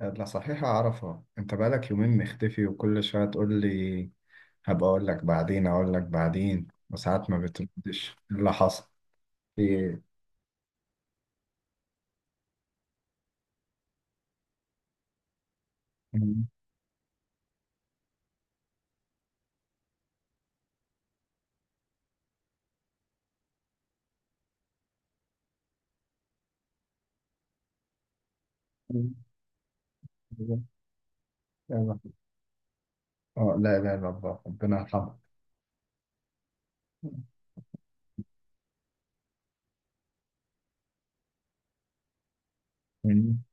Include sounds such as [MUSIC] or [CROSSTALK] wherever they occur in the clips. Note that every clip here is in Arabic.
لا، صحيح أعرفها. أنت بقالك يومين مختفي وكل شوية تقول لي هبقى أقول لك بعدين، أقول لك بعدين، وساعات ما بتردش. إيه اللي حصل؟ [LAUGHS] في إيه؟ آه، لا لا لا، الله ربنا يرحمه. مم.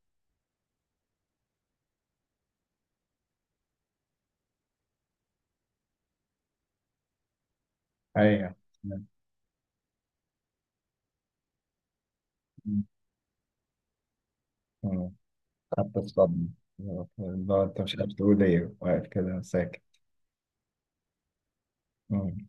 أيوه. مم. حتى الصدمة. لا، أنت مش عارف تقول إيه، واقف كده ساكت. مم.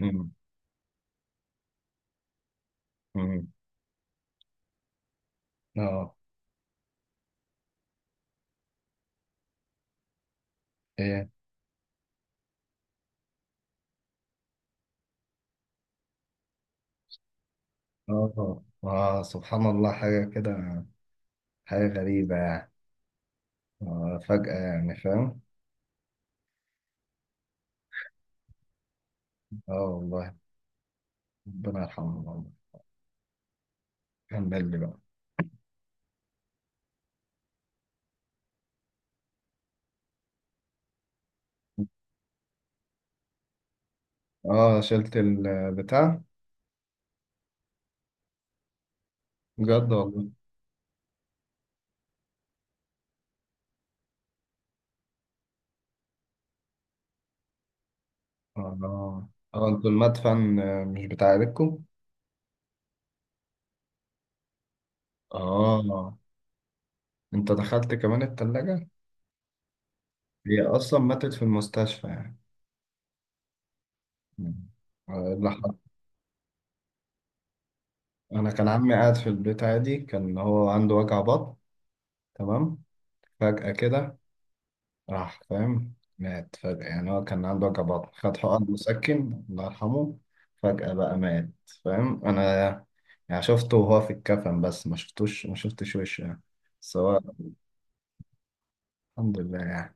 مم. مم. آه. إيه؟ آه آه، سبحان الله، حاجة كده. حاجة غريبة يعني. آه، فجأة يعني، فاهم. اه والله. ربنا يرحمه والله. كان بالي بقى. اه، شلت البتاع. بجد والله. اه اه، آه، انتوا المدفن، آه، مش بتاع عيلتكوا. اه، انت دخلت كمان التلاجة. هي اصلا ماتت في المستشفى يعني. مم. آه، اللي حصل. انا كان عمي قاعد في البيت عادي، كان هو عنده وجع بطن. تمام. فجأة كده. راح فاهم. مات فجأة يعني، هو كان عنده وجع بطن، خد حقن مسكن، الله يرحمه. فجأة بقى مات. فاهم أنا. يعني شفته وهو في الكفن، بس ما شفتش وشه يعني. سواء. الحمد لله يعني.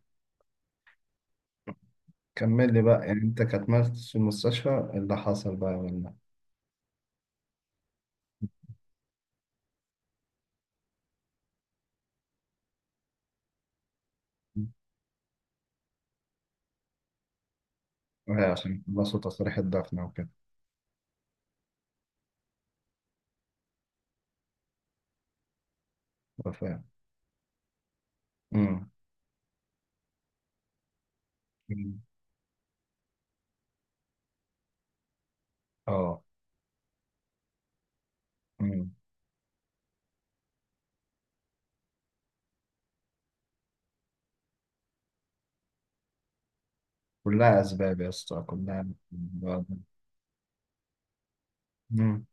كمل لي بقى. يعني أنت كانت مات في المستشفى، إيه اللي حصل بقى ولا؟ إيه؟ عشان خلصوا تصريح الدفن وكده. أه، فاهم. أمم. أمم. أه. أمم. كلها أسباب يا اسطى، كلها أسباب. أمم.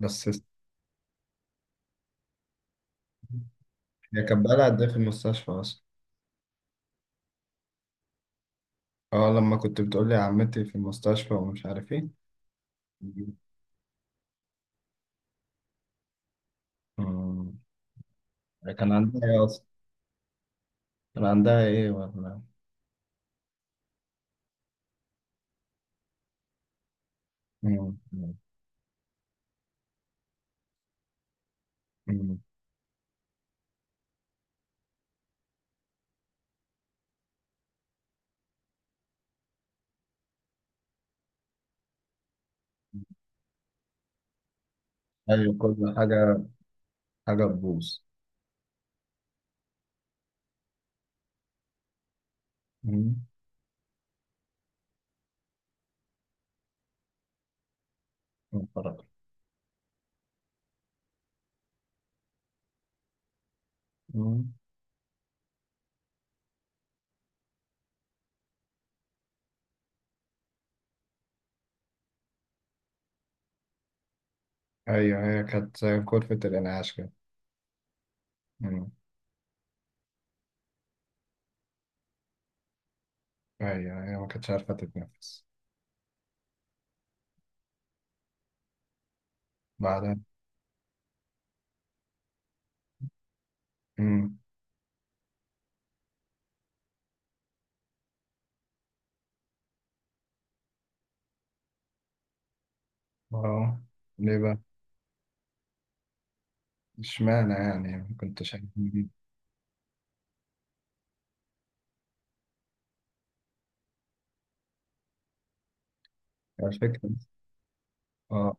بس هي كانت بقالها قد إيه في المستشفى أصلا؟ اه، لما كنت بتقولي عمتي في المستشفى ومش عارف ايه. مم. كان عندها ايه اصلا؟ كان عندها ايه ولا؟ مم. مم. ايوه كل حاجه. حاجه تبوظ. مم. مفرج. مم. ايوه، هي كانت زي غرفه الانعاش كده. مم. ايوه، هي ما كانتش عارفه تتنفس. بعدين. مم. اه، ليه بقى؟ اشمعنى يعني ما كنتش عارف؟ الفكره. اه،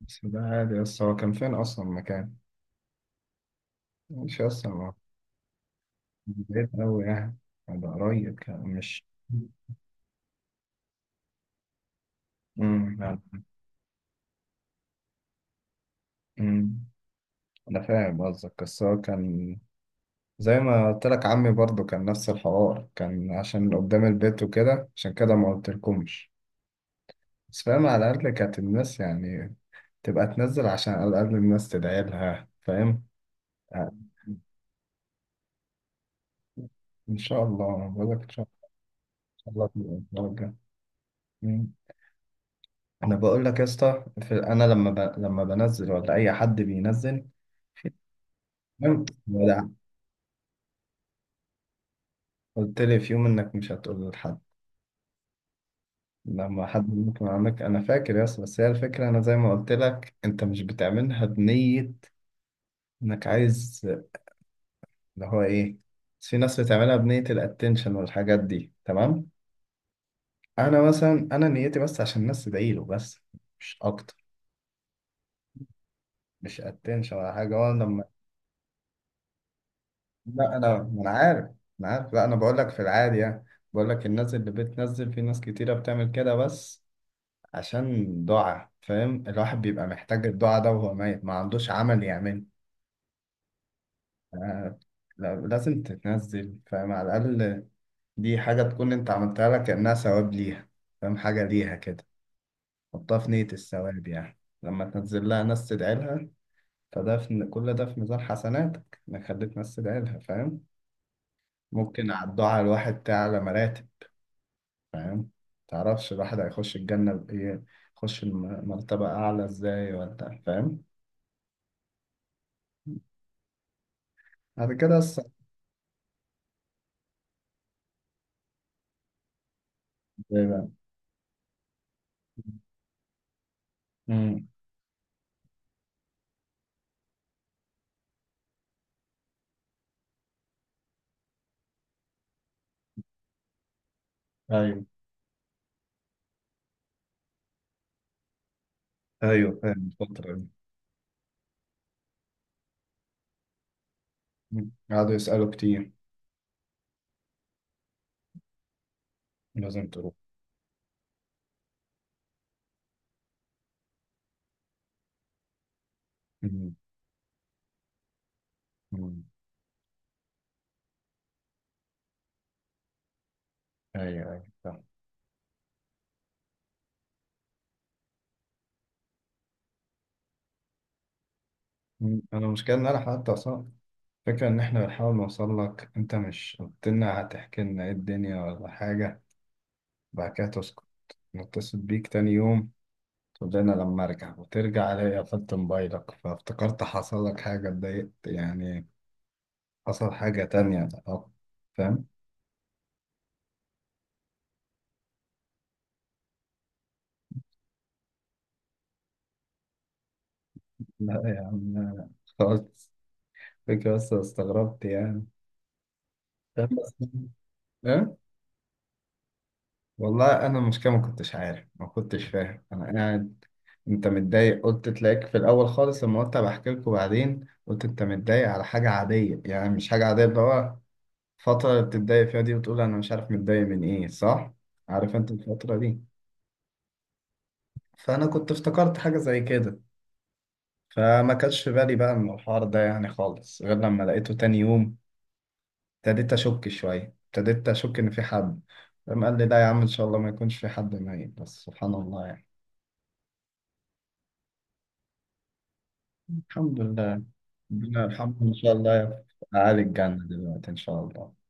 بس ده عادي، بس هو كان فين اصلا مكان؟ مش اصلا. بعيد أوي يعني. ده قريب يعني، مش. مم. يعني. مم. أنا فاهم قصدك، بس هو كان، زي ما قلت لك، عمي برضه كان نفس الحوار، كان عشان قدام البيت وكده، عشان كده ما قلتلكمش. بس فاهم، على الأقل كانت الناس يعني تبقى تنزل، عشان على الأقل الناس تدعي لها، فاهم. آه، إن شاء الله، بقول لك إن شاء. إن شاء الله تبقى الدرجة. مم. أنا بقول لك يا اسطى، أنا لما بنزل، ولا أي حد بينزل. [LAUGHS] في. قلت لي في يوم انك مش هتقول لحد لما حد ممكن عندك، انا فاكر، يس. بس هي الفكره، انا زي ما قلت لك، انت مش بتعملها بنيه انك عايز، اللي هو ايه، بس في ناس بتعملها بنيه الاتنشن والحاجات دي، تمام. انا مثلا، انا نيتي بس عشان الناس تدعي له، بس. مش اكتر. مش اتنشن ولا حاجه. وانا لما، لا، انا ما انا عارف. انا عارف. لا، انا بقول لك في العادي يعني. بقول لك الناس اللي بتنزل، في ناس كتيره بتعمل كده، بس عشان دعاء، فاهم. الواحد بيبقى محتاج الدعاء ده وهو ميت، ما عندوش عمل يعمله. آه، لازم تتنزل، فاهم، على الأقل. دي حاجة تكون أنت عملتها لك كأنها ثواب ليها، فاهم. حاجة ليها كده. حطها في نية الثواب يعني. لما تنزل لها ناس تدعي لها، فده في كل ده في ميزان حسناتك، إنك خليت ناس تدعي لها، فاهم. ممكن على الدعاء الواحد تعلى مراتب، فاهم. متعرفش الواحد هيخش الجنة بإيه، يخش مرتبة أعلى إزاي، ولا فاهم. بعد كده دايما. امم. ايوه ايوه، فاهم الفترة دي. مم. قعدوا يسألوا كتير. لازم تروح. مم. مم. ايوه ايوه فاهم. مم. انا المشكلة ان انا حتى اصلا فكرة ان احنا بنحاول نوصل لك، انت مش قلت لنا هتحكي لنا ايه الدنيا ولا حاجة. بعد كده تسكت. نتصل بيك تاني يوم، تقول لنا لما ارجع، وترجع الاقي قفلت موبايلك، فافتكرت حصل لك حاجة، اتضايقت يعني، حصل حاجة تانية أه. فاهم. لا يا عم، لا، لا. خلاص. فكرة بس، استغربت يعني. فاهم، بس. [LAUGHS] ايه. والله انا المشكله ما كنتش عارف ما كنتش فاهم، انا قاعد انت متضايق، قلت تلاقيك في الاول خالص لما قلت بحكي لكم بعدين، قلت انت متضايق على حاجه عاديه، يعني مش حاجه عاديه اللي هو الفتره اللي بتتضايق فيها دي، وتقول انا مش عارف متضايق من ايه، صح؟ عارف انت الفتره دي. فانا كنت افتكرت حاجه زي كده. فما كانش في بالي بقى من الحوار ده يعني خالص، غير لما لقيته تاني يوم، ابتديت اشك شويه، ابتديت اشك ان في حد. فقام قال لي لا يا عم، ان شاء الله ما يكونش في حد ميت، بس سبحان الله يعني. الحمد لله. ربنا الحمد ان شاء الله. في اعالي الجنه دلوقتي ان شاء الله.